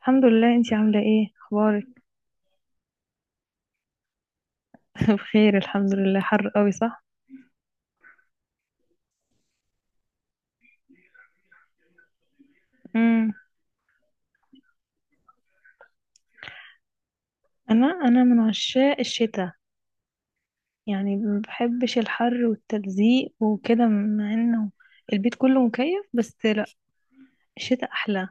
الحمد لله، انتي عاملة ايه؟ اخبارك. بخير الحمد لله. حر قوي صح. امم انا من عشاق الشتاء. يعني ما بحبش الحر والتلزيق وكده، مع انه البيت كله مكيف. بس لا، الشتاء احلى.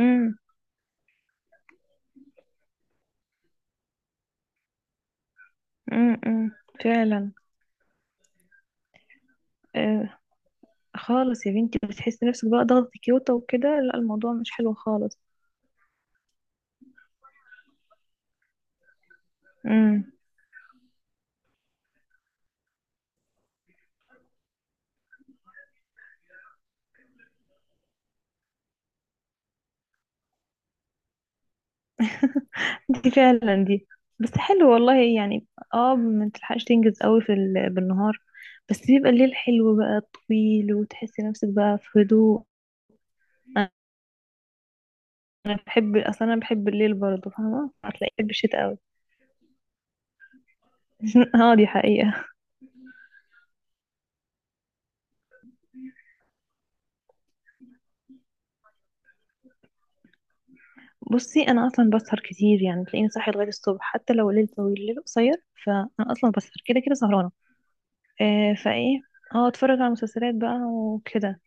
امم امم فعلا. آه خالص يا بنتي، بتحسي نفسك بقى ضغط كيوتا وكده. لا، الموضوع مش حلو خالص. دي فعلا، دي بس حلو والله يعني. اه، ما تلحقش تنجز قوي بالنهار. بس بيبقى الليل حلو بقى طويل، وتحسي نفسك بقى في هدوء. انا بحب اصلا، انا بحب الليل برضه، فاهمه هتلاقي بحب الشتاء قوي. اه دي حقيقه. بصي، انا اصلا بسهر كتير، يعني تلاقيني صاحيه لغايه الصبح، حتى لو الليل طويل الليل قصير، فانا اصلا بسهر كده كده سهرانه. آه فايه. اه، اتفرج على مسلسلات بقى وكده.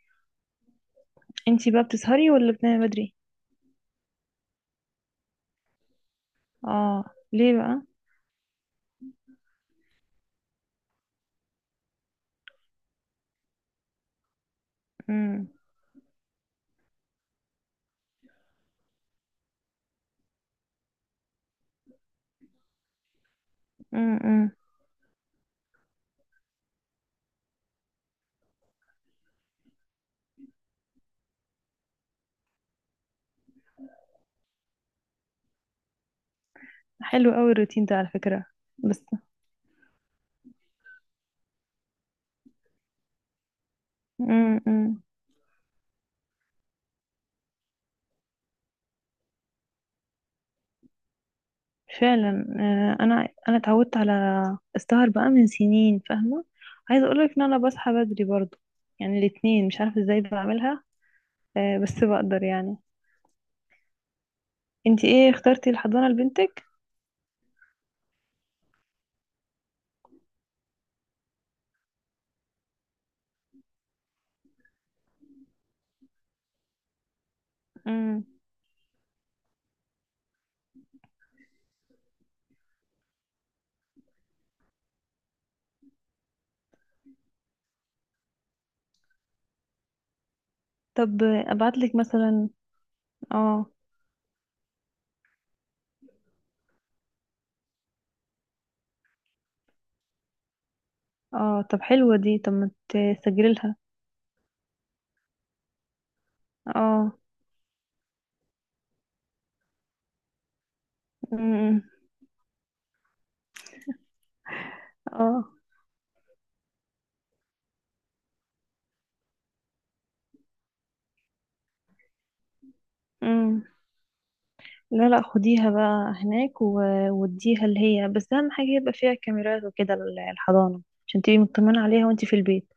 انتي بقى بتسهري ولا بتنامي بدري؟ اه، ليه بقى؟ امم حلو قوي الروتين ده على فكرة. بس. امم فعلا. انا اتعودت على السهر بقى من سنين فاهمة. عايزة اقولك ان انا بصحى بدري برضو، يعني الاتنين مش عارفة ازاي بعملها. بس بقدر يعني. انتي ايه اخترتي الحضانة لبنتك؟ امم طب ابعتلك مثلا. اه اه، طب حلوة دي، طب ما تسجلي لها. اه. امم اه. امم لا لا، خديها بقى هناك، واديها اللي هي، بس اهم حاجة يبقى فيها كاميرات وكده الحضانة، عشان تبقي مطمنة عليها وانتي في البيت.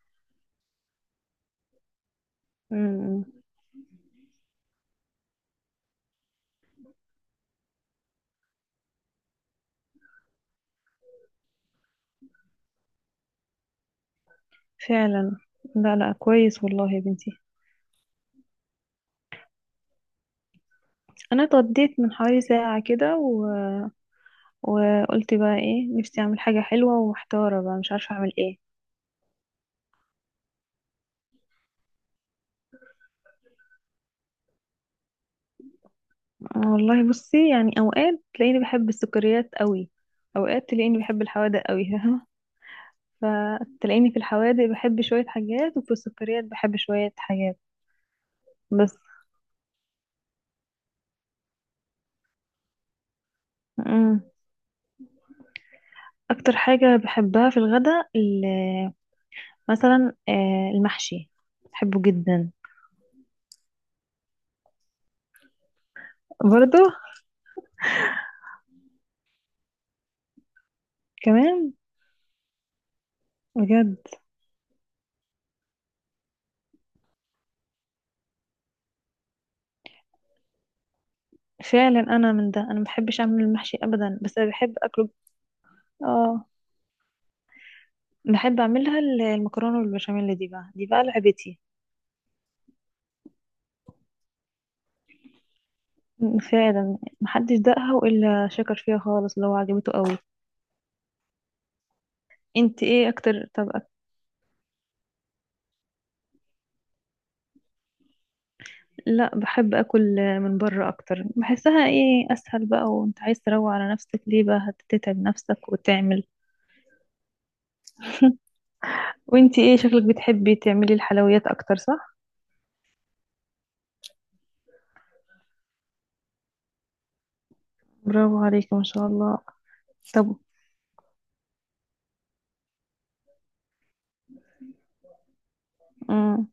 امم فعلا. لا لا، كويس والله يا بنتي. انا اتغديت من حوالي ساعة كده وقلت بقى ايه، نفسي اعمل حاجة حلوة، ومحتارة بقى مش عارفة اعمل ايه. والله بصي يعني، اوقات تلاقيني بحب السكريات قوي، اوقات تلاقيني بحب الحوادق قوي. فاهمة. فتلاقيني في الحوادق بحب شوية حاجات، وفي السكريات بحب شوية حاجات. بس. أمم. اكتر حاجة بحبها في الغداء، مثلا المحشي، بحبه جدا. برضو كمان. بجد. فعلا انا من ده، انا ما بحبش اعمل المحشي ابدا، بس أنا بحب اكله. اه، بحب اعملها المكرونة والبشاميل، دي بقى دي بقى لعبتي. فعلا، محدش دقها الا شكر فيها خالص لو عجبته قوي. انت ايه اكتر؟ طب لا، بحب اكل من بره اكتر، بحسها ايه اسهل بقى، وانت عايز تروق على نفسك ليه بقى هتتعب نفسك وتعمل. وانتي ايه شكلك بتحبي تعملي الحلويات اكتر صح. برافو عليك ما شاء الله. طب. امم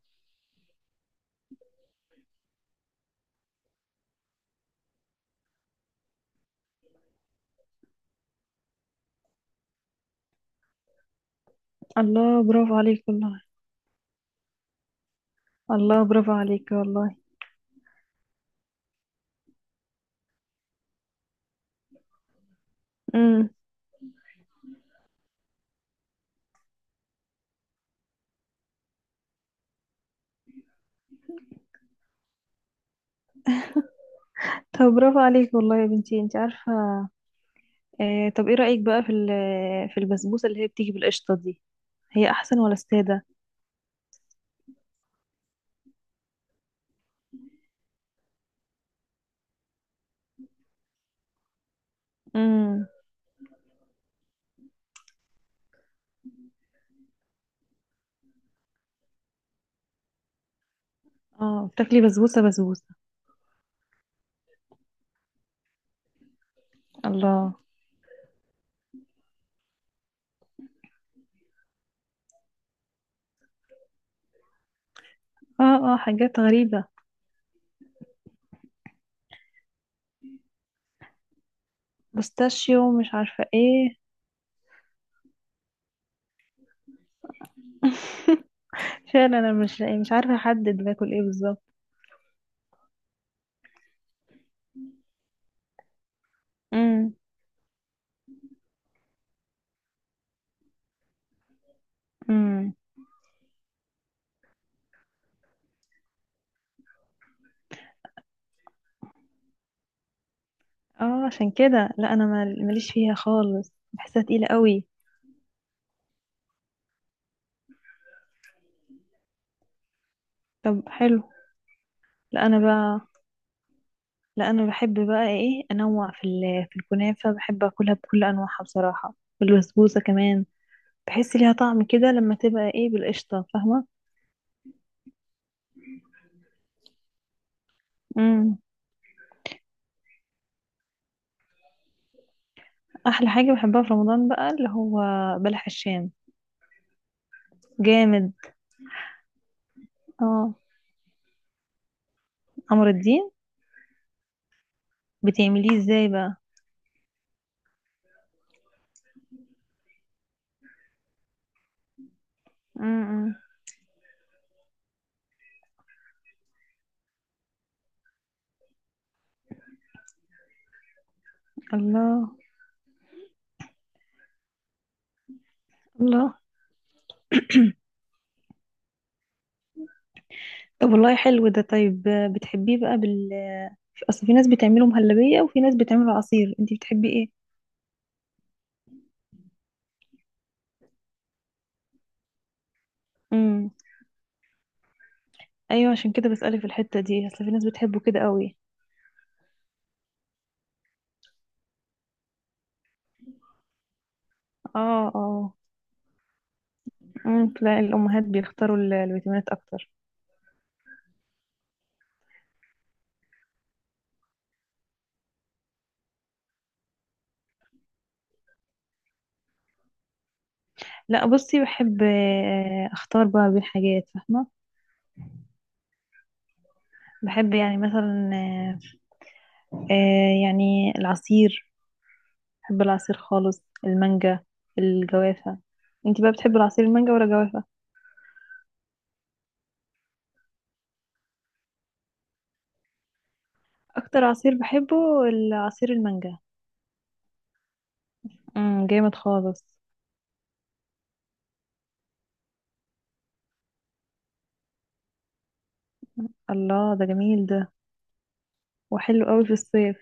الله، برافو عليك والله. الله، برافو عليك والله. امم طب، برافو عليك والله يا بنتي، انت عارفة. طب ايه رأيك بقى في في البسبوسة اللي هي بتيجي بالقشطة دي، هي احسن ولا السادة؟ امم اه، بتاكلي بسبوسة بسبوسة. الله. اه اه، حاجات غريبة. بستاشيو، مش عارفة ايه. فعلا انا مش عارفة احدد باكل ايه بالظبط. امم اه، عشان كده لا، انا ماليش فيها خالص، بحسها تقيلة قوي. طب حلو. لا انا بقى لا انا بحب بقى ايه انوع في الكنافة، بحب اكلها بكل انواعها بصراحة. والبسبوسة كمان بحس ليها طعم كده لما تبقى ايه بالقشطة، فاهمة. امم احلى حاجة بحبها في رمضان بقى اللي هو بلح الشام. جامد. اه، عمر الدين، بتعمليه ازاي بقى؟ امم الله. الله، طب والله حلو ده. طيب، بتحبيه بقى اصل في ناس بتعمله مهلبية، وفي ناس بتعمله عصير، انتي بتحبي ايه؟ امم ايوه، عشان كده بسألك في الحتة دي، اصل في ناس بتحبه كده قوي. اه اه. تلاقي الامهات بيختاروا الفيتامينات اكتر. لا بصي، بحب اختار بقى بين حاجات فاهمة. بحب يعني مثلا، يعني العصير، بحب العصير خالص، المانجا، الجوافة. انتي بقى بتحبي العصير المانجا ولا الجوافة؟ اكتر عصير بحبه العصير المانجا. جامد خالص. الله ده جميل ده، وحلو قوي في الصيف.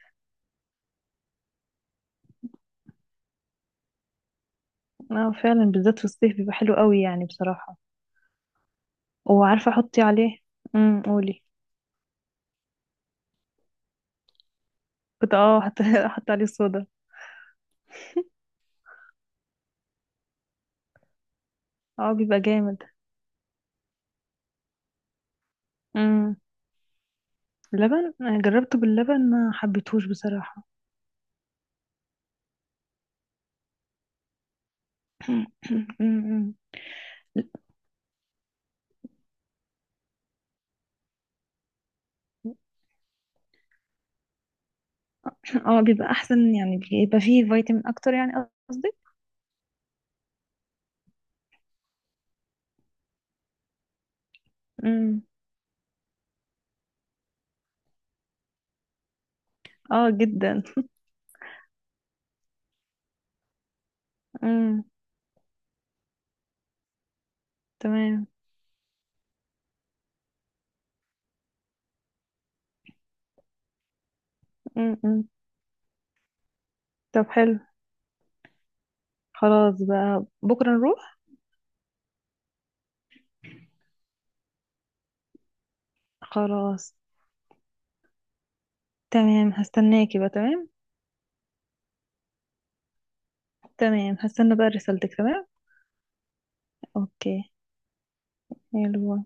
اه فعلا، بالذات في الصيف بيبقى حلو قوي يعني بصراحة. وعارفة احطي عليه. قولي. كنت حط حط عليه صودا. اه بيبقى جامد. امم لبن. أنا جربته باللبن ما حبيتهوش بصراحة. أمم. اه بيبقى احسن، يعني بيبقى فيه فيتامين اكتر يعني قصدي. امم اه جدا. امم تمام. امم طب حلو. خلاص بقى بكرة نروح. خلاص تمام، هستناكي بقى تمام. تمام، هستنى بقى رسالتك تمام. اوكي. حلو.